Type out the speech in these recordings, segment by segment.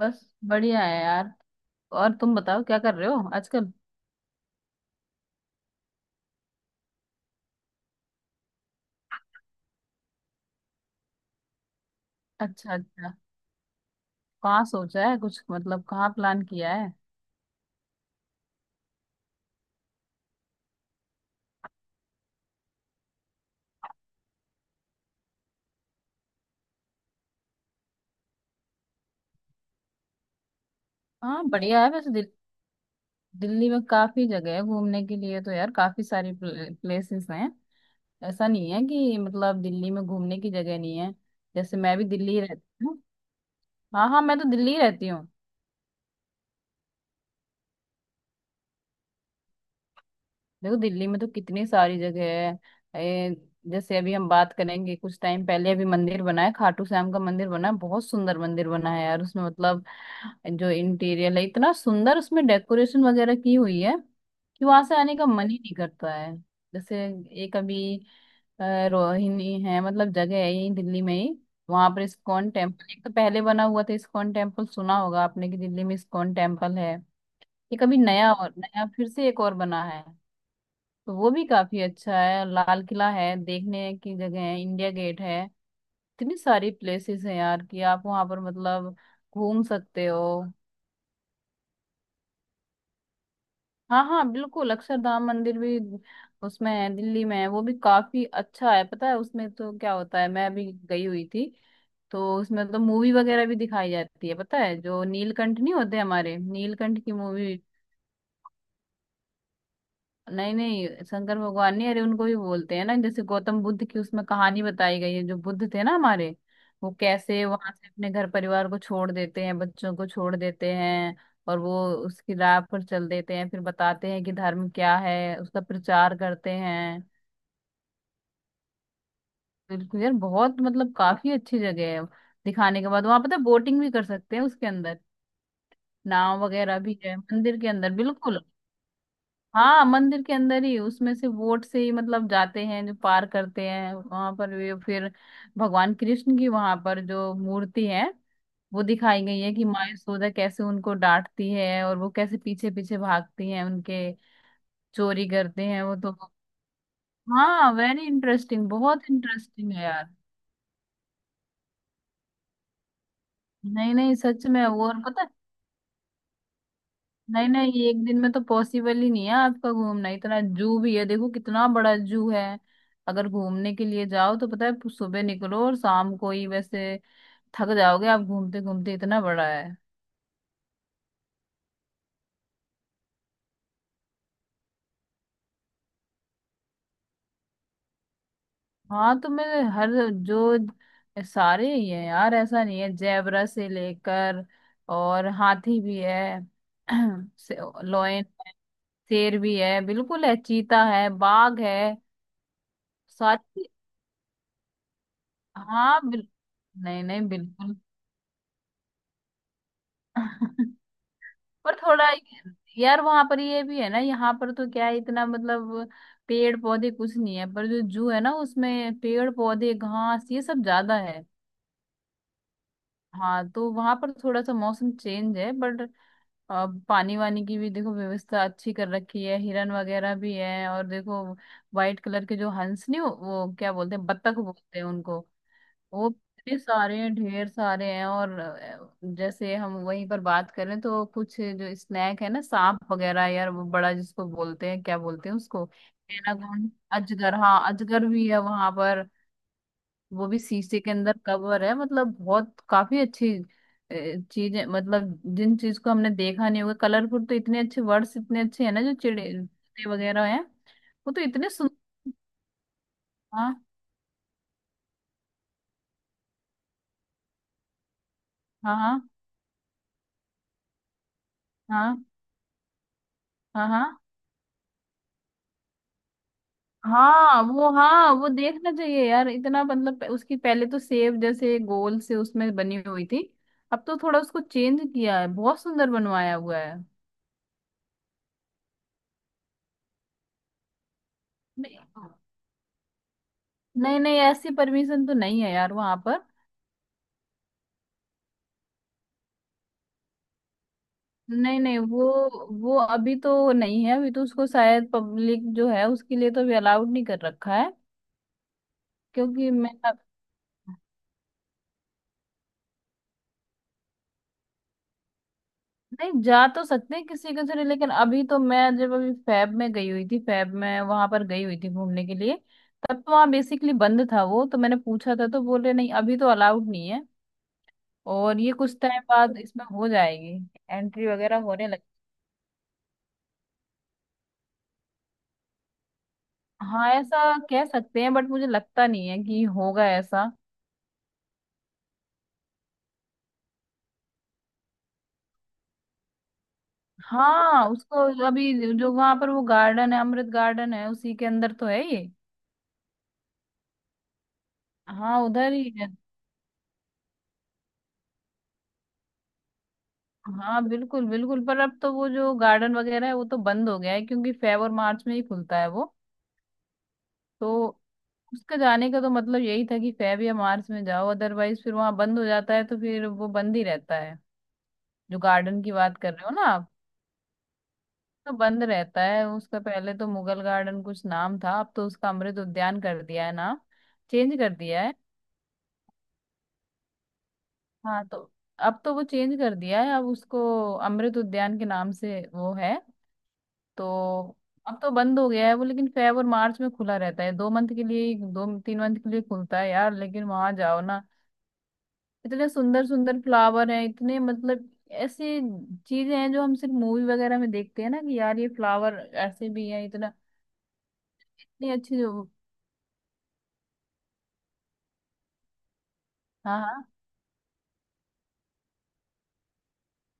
बस बढ़िया है यार। और तुम बताओ क्या कर रहे हो आजकल। अच्छा अच्छा। कहाँ सोचा है कुछ मतलब कहाँ प्लान किया है। हाँ बढ़िया है वैसे दिल्ली में काफी जगह है घूमने के लिए तो यार काफी सारी प्लेसेस हैं। ऐसा नहीं है कि मतलब दिल्ली में घूमने की जगह नहीं है। जैसे मैं भी दिल्ली ही रहती हूँ। हाँ हाँ मैं तो दिल्ली ही रहती हूँ। देखो दिल्ली में तो कितनी सारी जगह है जैसे अभी हम बात करेंगे कुछ टाइम पहले अभी मंदिर बना है। खाटू श्याम का मंदिर बना है, बहुत सुंदर मंदिर बना है यार। उसमें मतलब जो इंटीरियर है इतना सुंदर, उसमें डेकोरेशन वगैरह की हुई है कि वहां से आने का मन ही नहीं करता है। जैसे एक अभी रोहिणी है, मतलब जगह है यही दिल्ली में ही। वहां पर इस्कॉन टेम्पल एक तो पहले बना हुआ था, इस्कॉन टेम्पल सुना होगा आपने कि दिल्ली में इस्कॉन टेम्पल है। ये कभी नया और नया फिर से एक और बना है तो वो भी काफी अच्छा है। लाल किला है देखने की जगह है, इंडिया गेट है। इतनी सारी प्लेसेस हैं यार कि आप वहां पर मतलब घूम सकते हो। हाँ हाँ बिल्कुल, अक्षरधाम मंदिर भी उसमें है, दिल्ली में है, वो भी काफी अच्छा है। पता है उसमें तो क्या होता है, मैं अभी गई हुई थी तो उसमें तो मूवी वगैरह भी दिखाई जाती है। पता है जो नीलकंठ नहीं होते हमारे, नीलकंठ की मूवी। नहीं नहीं, शंकर भगवान नहीं, अरे उनको भी बोलते हैं ना। जैसे गौतम बुद्ध की उसमें कहानी बताई गई है, जो बुद्ध थे ना हमारे। वो कैसे वहां से अपने घर परिवार को छोड़ देते हैं, बच्चों को छोड़ देते हैं और वो उसकी राह पर चल देते हैं, फिर बताते हैं कि धर्म क्या है, उसका प्रचार करते हैं। बिल्कुल यार, बहुत मतलब काफी अच्छी जगह है। दिखाने के बाद वहां पता बोटिंग भी कर सकते हैं उसके अंदर, नाव वगैरह भी है मंदिर के अंदर बिल्कुल। हाँ मंदिर के अंदर ही, उसमें से वोट से ही मतलब जाते हैं, जो पार करते हैं वहां पर, वे फिर भगवान कृष्ण की वहां पर जो मूर्ति है वो दिखाई गई है, कि माँ यशोदा कैसे उनको डांटती है और वो कैसे पीछे पीछे भागती हैं उनके, चोरी करते हैं वो तो। हाँ वेरी इंटरेस्टिंग, बहुत इंटरेस्टिंग है यार। नहीं नहीं सच में, वो और पता है। नहीं नहीं, ये एक दिन में तो पॉसिबल ही नहीं है आपका घूमना, इतना जू भी है, देखो कितना बड़ा जू है। अगर घूमने के लिए जाओ तो पता है सुबह निकलो और शाम को ही वैसे थक जाओगे आप घूमते घूमते, इतना बड़ा है। हाँ तो मैं हर जो सारे ही है यार, ऐसा नहीं है, जेबरा से लेकर और हाथी भी है से- लोयन है, शेर भी है बिल्कुल है, चीता है, बाघ है सारी। हाँ नहीं नहीं बिल्कुल। पर थोड़ा यार वहां पर ये भी है ना, यहाँ पर तो क्या है, इतना मतलब पेड़ पौधे कुछ नहीं है, पर जो जू है ना उसमें पेड़ पौधे घास ये सब ज्यादा है। हाँ तो वहां पर थोड़ा सा मौसम चेंज है बट पानी वानी की भी देखो व्यवस्था अच्छी कर रखी है, हिरन वगैरह भी है। और देखो व्हाइट कलर के जो हंस नहीं वो क्या बोलते हैं, बत्तख बोलते हैं उनको। वो इतने सारे हैं, ढेर सारे हैं। और जैसे हम वहीं पर बात करें तो कुछ जो स्नैक है ना, सांप वगैरह यार, वो बड़ा जिसको बोलते हैं, क्या बोलते हैं उसको। एनाकॉन अजगर, हाँ अजगर भी है वहां पर। वो भी शीशे के अंदर कवर है, मतलब बहुत काफी अच्छी चीजें। मतलब जिन चीज को हमने देखा नहीं होगा, कलरफुल तो इतने अच्छे, वर्ड्स इतने अच्छे हैं ना, जो चिड़े चिड़े वगैरह हैं। वो तो इतने सुंदर। हाँ हाँ हाँ हाँ हाँ हाँ। हाँ वो, हाँ वो देखना चाहिए यार, इतना मतलब उसकी पहले तो सेव जैसे गोल से उसमें बनी हुई थी। अब तो थोड़ा उसको चेंज किया है, बहुत सुंदर बनवाया हुआ है। नहीं नहीं नहीं, ऐसी परमिशन तो नहीं है यार वहां पर। नहीं नहीं, वो अभी तो नहीं है, अभी तो उसको शायद पब्लिक जो है उसके लिए तो अभी अलाउड नहीं कर रखा है। क्योंकि मैं नहीं जा तो सकते हैं किसी के थ्रू, लेकिन अभी तो मैं जब अभी फैब में गई हुई थी, फैब में वहां पर गई हुई थी घूमने के लिए, तब तो वहाँ बेसिकली बंद था। वो तो मैंने पूछा था तो बोले नहीं अभी तो अलाउड नहीं है, और ये कुछ टाइम बाद इसमें हो जाएगी एंट्री वगैरह होने लग। हाँ ऐसा कह सकते हैं बट मुझे लगता नहीं है कि होगा ऐसा। हाँ उसको अभी जो वहां पर वो गार्डन है, अमृत गार्डन है, उसी के अंदर तो है ये। हाँ उधर ही। हाँ बिल्कुल बिल्कुल, पर अब तो वो जो गार्डन वगैरह है वो तो बंद हो गया है, क्योंकि फेब और मार्च में ही खुलता है वो। तो उसका जाने का तो मतलब यही था कि फेब या मार्च में जाओ, अदरवाइज फिर वहाँ बंद हो जाता है तो फिर वो बंद ही रहता है। जो गार्डन की बात कर रहे हो ना आप, तो बंद रहता है उसका। पहले तो मुगल गार्डन कुछ नाम था, अब तो उसका अमृत उद्यान कर दिया है नाम, चेंज कर दिया है। हाँ तो अब तो वो चेंज कर दिया है, अब उसको अमृत उद्यान के नाम से वो है। तो अब तो बंद हो गया है वो, लेकिन फेब और मार्च में खुला रहता है। दो तीन मंथ के लिए खुलता है यार। लेकिन वहां जाओ ना, इतने सुंदर सुंदर फ्लावर हैं, इतने मतलब ऐसी चीजें हैं जो हम सिर्फ मूवी वगैरह में देखते हैं ना, कि यार ये फ्लावर ऐसे भी है, इतना इतनी अच्छी जो। हाँ हाँ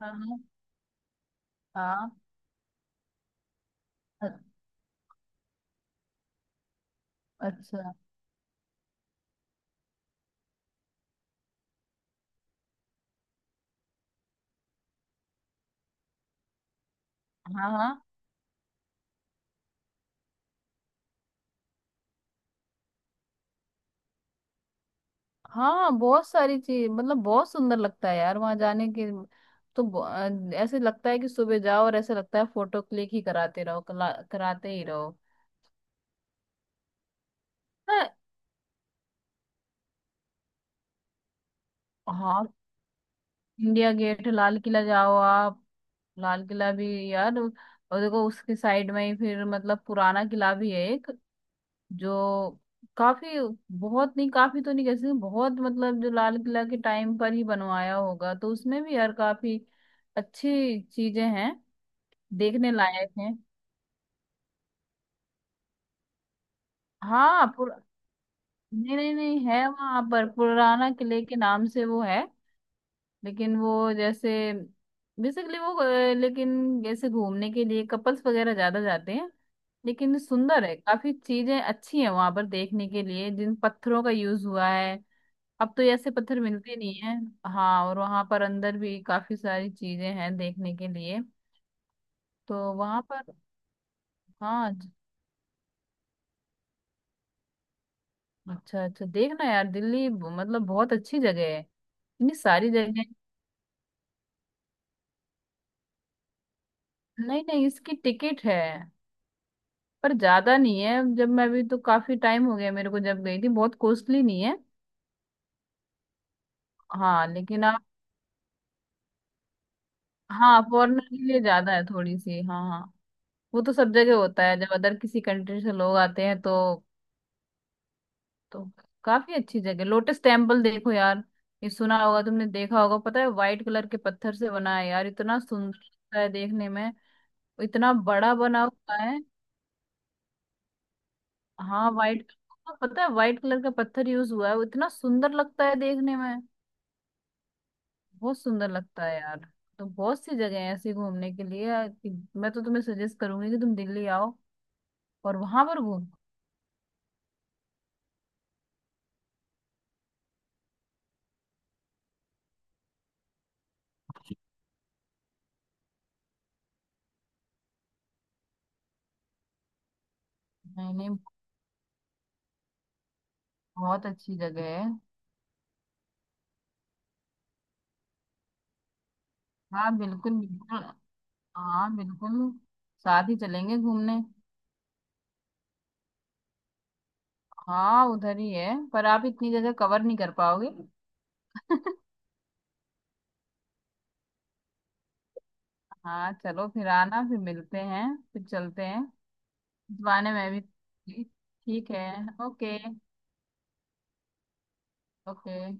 हाँ हाँ हाँ, अ- अच्छा हाँ हाँ हाँ, बहुत सारी चीज मतलब बहुत सुंदर लगता है यार वहां जाने के। तो ऐसे लगता है कि सुबह जाओ, और ऐसे लगता है फोटो क्लिक ही कराते रहो, कराते ही रहो। हाँ हाँ, इंडिया गेट लाल किला जाओ आप, लाल किला भी। यार और देखो उसके साइड में ही फिर मतलब पुराना किला भी है एक, जो काफी बहुत नहीं, काफी तो नहीं कह सकते बहुत मतलब, जो लाल किला के टाइम पर ही बनवाया होगा तो उसमें भी यार काफी अच्छी चीजें हैं देखने लायक हैं। हाँ नहीं नहीं, नहीं है वहाँ पर, पुराना किले के नाम से वो है। लेकिन वो जैसे बेसिकली वो लेकिन जैसे घूमने के लिए कपल्स वगैरह ज्यादा जाते हैं। लेकिन सुंदर है, काफी चीजें अच्छी हैं वहां पर देखने के लिए, जिन पत्थरों का यूज हुआ है अब तो ऐसे पत्थर मिलते नहीं है। हाँ और वहां पर अंदर भी काफी सारी चीजें हैं देखने के लिए, तो वहां पर। हाँ अच्छा अच्छा देखना यार, दिल्ली मतलब बहुत अच्छी जगह है, इतनी सारी जगह। नहीं नहीं, इसकी टिकट है पर ज्यादा नहीं है, जब मैं भी तो काफी टाइम हो गया मेरे को जब गई थी, बहुत कॉस्टली नहीं है। हाँ लेकिन आप। हाँ फॉरेनर के लिए ज्यादा है थोड़ी सी, हाँ हाँ। वो तो सब जगह होता है, जब अदर किसी कंट्री से लोग आते हैं तो। तो काफी अच्छी जगह लोटस टेम्पल देखो यार, ये सुना होगा तुमने देखा होगा। पता है व्हाइट कलर के पत्थर से बना है यार, इतना सुंदर लगता है देखने में, इतना बड़ा बना हुआ है। हाँ व्हाइट, हाँ, पता है व्हाइट कलर का पत्थर यूज हुआ है, वो इतना सुंदर लगता है देखने में, बहुत सुंदर लगता है यार। तो बहुत सी जगह है ऐसी घूमने के लिए। मैं तो तुम्हें सजेस्ट करूंगी कि तुम दिल्ली आओ और वहां पर घूम। नहीं नहीं, बहुत अच्छी जगह है। हाँ बिल्कुल बिल्कुल। हाँ बिल्कुल, साथ ही चलेंगे घूमने। हाँ उधर ही है, पर आप इतनी जगह कवर नहीं कर पाओगे। हाँ चलो फिर आना, फिर मिलते हैं, फिर चलते हैं, इस बहाने मैं भी। ठीक है। ओके। ओके।